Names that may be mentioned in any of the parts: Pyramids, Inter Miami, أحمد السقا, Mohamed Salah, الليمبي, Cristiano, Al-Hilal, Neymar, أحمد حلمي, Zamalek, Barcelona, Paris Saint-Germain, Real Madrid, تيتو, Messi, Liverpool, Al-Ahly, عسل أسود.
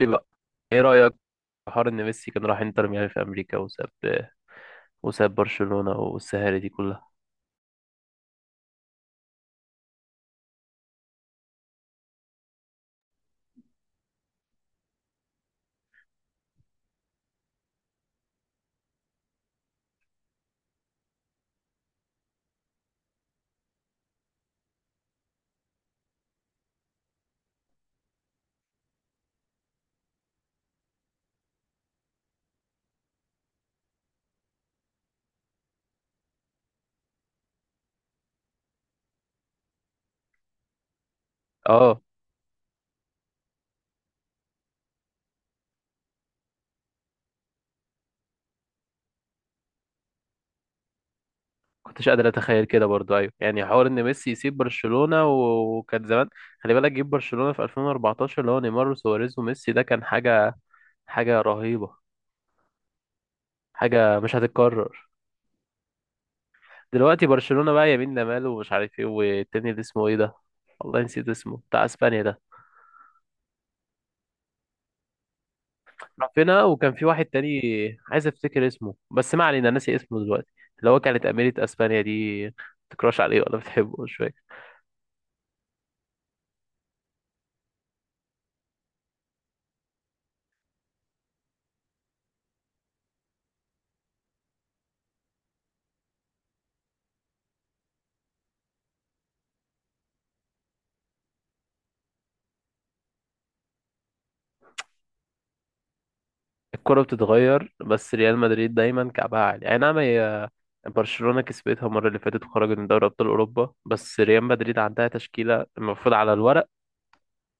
ايه بقى؟ ايه رأيك في حوار ان ميسي كان راح انتر ميامي في امريكا وساب برشلونة والسهالة دي كلها. اه، كنتش قادر اتخيل كده برضو. ايوه يعني حوار ان ميسي يسيب برشلونة، وكان زمان. خلي بالك جيب برشلونة في 2014 اللي هو نيمار وسواريز وميسي، ده كان حاجة. حاجة رهيبة. حاجة مش هتتكرر. دلوقتي برشلونة بقى يمين لمال ومش عارف ايه، والتاني اللي اسمه ايه ده، والله نسيت اسمه، بتاع اسبانيا ده. رافينا، وكان في واحد تاني. عايز افتكر اسمه بس ما علينا، ناسي اسمه دلوقتي. اللي هو كانت أميرة اسبانيا دي بتكراش عليه ولا بتحبه، مش فاكر. الكرة بتتغير، بس ريال مدريد دايما كعبها عالي، اي نعم. هي برشلونة كسبتها المرة اللي فاتت وخرجت من دوري ابطال اوروبا، بس ريال مدريد عندها تشكيلة المفروض على الورق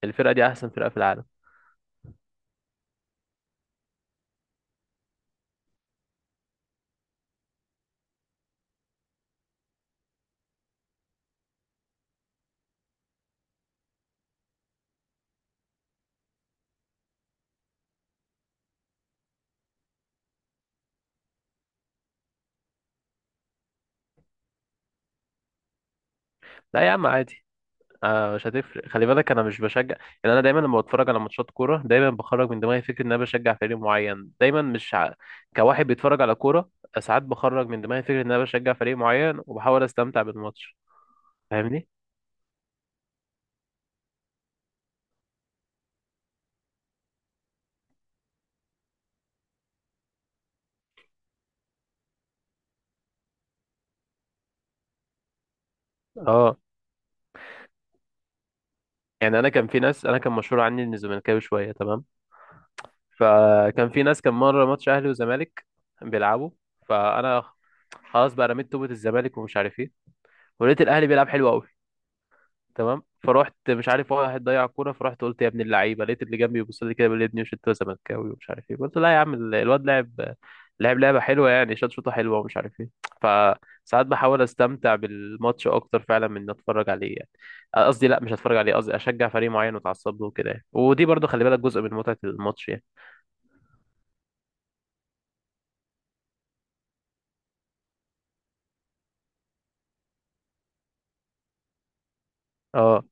الفرقة دي احسن فرقة في العالم. لا يا عم عادي. آه، مش هتفرق، خلي بالك انا مش بشجع. يعني انا دايما لما بتفرج على ماتشات كوره دايما بخرج من دماغي فكره ان انا بشجع فريق معين دايما مش ع... كواحد بيتفرج على كوره. ساعات بخرج من دماغي فكره ان انا بشجع فريق معين وبحاول استمتع بالماتش. فاهمني؟ اه، يعني انا كان في ناس، انا كان مشهور عني اني زملكاوي شويه، تمام. فكان في ناس، كان مره ماتش اهلي وزمالك بيلعبوا، فانا خلاص بقى رميت توبة الزمالك ومش عارف ايه، ولقيت الاهلي بيلعب حلو قوي. تمام، فرحت، مش عارف، واحد ضيع كوره فرحت قلت يا ابن اللعيبه. لقيت اللي جنبي بيبص لي كده بيقول لي يا ابني مش انت زملكاوي ومش عارف ايه. قلت لا يا عم، الواد لعب، لعب لعبه حلوه يعني، شاط شوطه حلوه ومش عارف ايه. فساعات بحاول استمتع بالماتش اكتر فعلا من إني اتفرج عليه يعني. قصدي لا، مش هتفرج عليه، قصدي اشجع فريق معين واتعصب له كده يعني. ودي برضه خلي بالك جزء من متعه الماتش يعني. اه.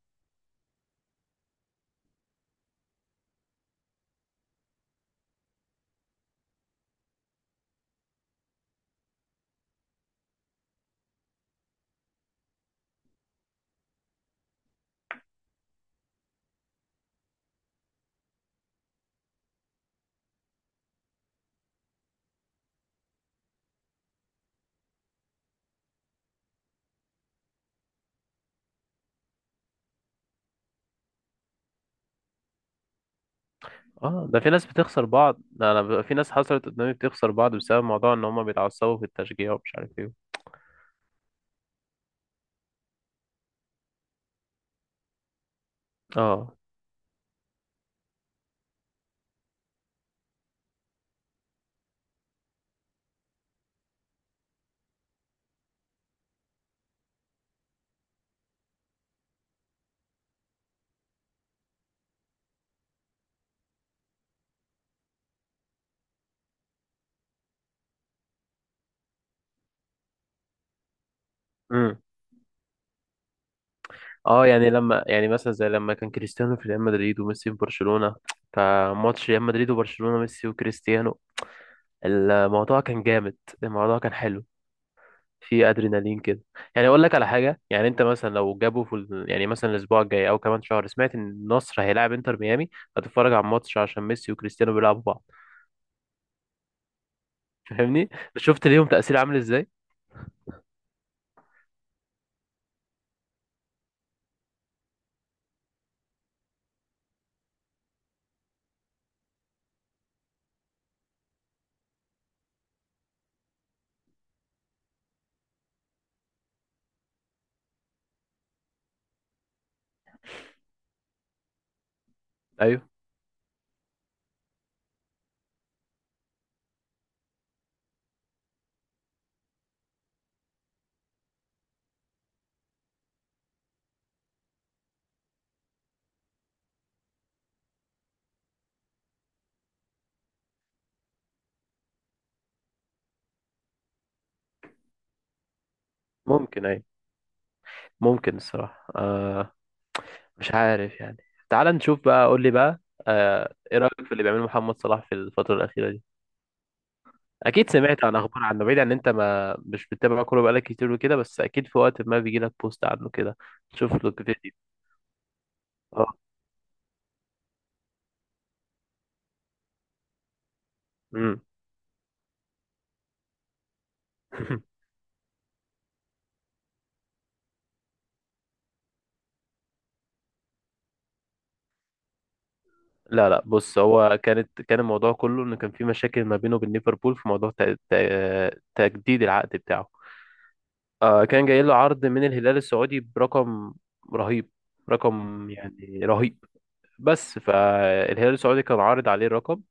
اه، ده في ناس بتخسر بعض. في ناس حصلت قدامي بتخسر بعض بسبب موضوع ان هم بيتعصبوا في التشجيع ومش عارف ايه. اه. اه، يعني لما، يعني مثلا زي لما كان كريستيانو في ريال مدريد وميسي في برشلونة، فماتش ريال مدريد وبرشلونة، ميسي وكريستيانو، الموضوع كان جامد. الموضوع كان حلو. في ادرينالين كده. يعني اقول لك على حاجة، يعني انت مثلا لو جابوا في يعني مثلا الاسبوع الجاي او كمان شهر سمعت ان النصر هيلاعب انتر ميامي، هتتفرج على الماتش عشان ميسي وكريستيانو بيلعبوا بعض. فاهمني؟ شفت ليهم تأثير عامل ازاي. ايوه. ممكن، ايوه ممكن الصراحة، آه. مش عارف يعني. تعال نشوف بقى، قول لي بقى. آه، ايه رأيك في اللي بيعمله محمد صلاح في الفترة الأخيرة دي؟ اكيد سمعت عن اخبار عنه، بعيد عن انت ما مش بتتابع كوره بقالك كتير وكده، بس اكيد في وقت ما بيجي لك بوست عنه كده، تشوف له فيديو. اه. امم. لا لا، بص هو كانت، كان الموضوع كله ان كان في مشاكل ما بينه وبين ليفربول في موضوع تجديد العقد بتاعه. آه، كان جاي له عرض من الهلال السعودي برقم رهيب. رقم يعني رهيب. بس فالهلال السعودي كان عارض عليه رقم،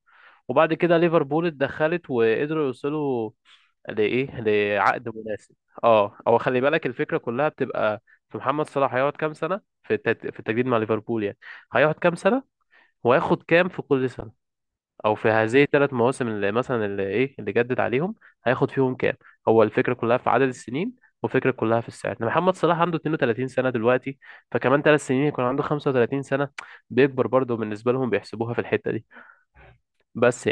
وبعد كده ليفربول اتدخلت وقدروا يوصلوا لإيه، لعقد مناسب. اه، هو خلي بالك الفكرة كلها بتبقى في محمد صلاح هيقعد كام سنة في في التجديد مع ليفربول يعني. هيقعد كام سنة، وهياخد كام في كل سنة، او في هذه الثلاث مواسم اللي مثلا اللي ايه اللي جدد عليهم، هياخد فيهم كام. هو الفكره كلها في عدد السنين، والفكره كلها في السعر. إن محمد صلاح عنده 32 سنه دلوقتي، فكمان 3 سنين يكون عنده 35 سنه، بيكبر برضه بالنسبه لهم، بيحسبوها في الحته دي. بس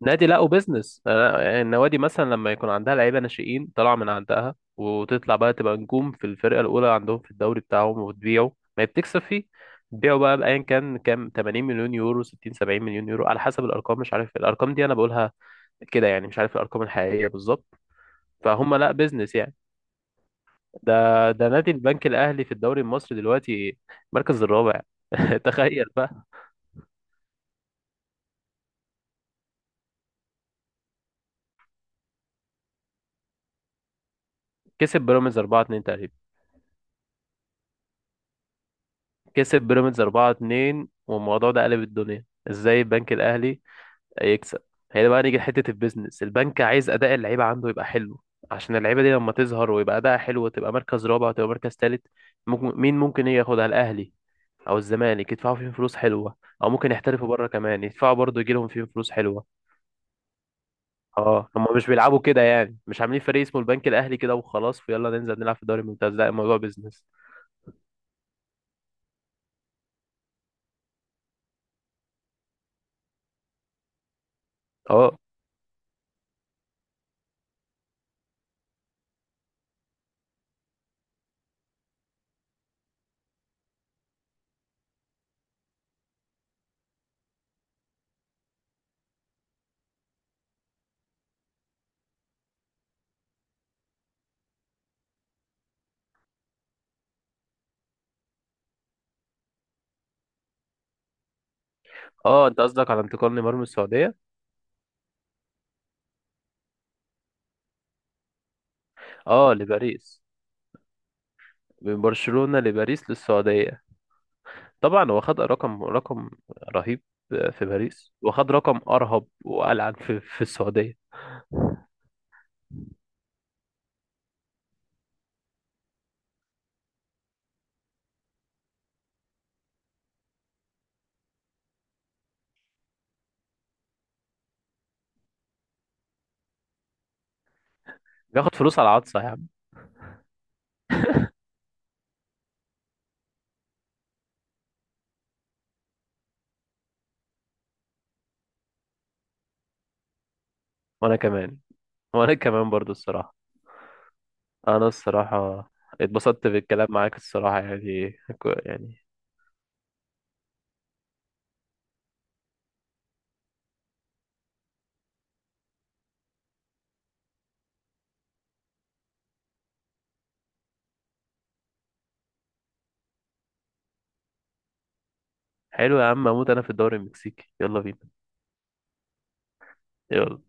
نادي، لا، وبزنس، النوادي مثلا لما يكون عندها لعيبه ناشئين طالعه من عندها، وتطلع بقى تبقى نجوم في الفرقه الاولى عندهم في الدوري بتاعهم، وتبيعه، ما هي بتكسب فيه. تبيعه بقى، بايا كان كام، 80 مليون يورو، 60 70 مليون يورو، على حسب الارقام، مش عارف الارقام دي انا بقولها كده يعني، مش عارف الارقام الحقيقيه بالظبط. فهم لا بيزنس يعني. ده نادي البنك الاهلي في الدوري المصري دلوقتي المركز الرابع. تخيل بقى. كسب بيراميدز 4-2 تقريبا. كسب بيراميدز 4-2، والموضوع ده قلب الدنيا ازاي. البنك الاهلي هيكسب، هي ده بقى نيجي لحته البيزنس. البنك عايز اداء اللعيبه عنده يبقى حلو، عشان اللعيبه دي لما تظهر ويبقى اداء حلو وتبقى مركز رابع وتبقى مركز تالت، ممكن مين، ممكن إيه، ياخدها الاهلي او الزمالك يدفعوا فيهم فلوس حلوه، او ممكن يحترفوا بره كمان يدفعوا برضه يجي لهم فيهم فلوس حلوه. اه، هم مش بيلعبوا كده يعني، مش عاملين فريق اسمه البنك الاهلي كده وخلاص ويلا ننزل نلعب في الدوري الممتاز، لا الموضوع بيزنس. اه. اه، انت قصدك على انتقال نيمار من السعوديه. اه، لباريس، من برشلونة لباريس للسعودية. طبعا هو خد رقم، رقم رهيب في باريس، وخد رقم أرهب وألعن في السعودية. بياخد فلوس على العطسة يا عم. وأنا كمان وأنا كمان برضو الصراحة. أنا الصراحة اتبسطت بالكلام معاك الصراحة يعني، يعني. حلو يا عم، أموت أنا في الدوري المكسيكي، يلا بينا. يلا.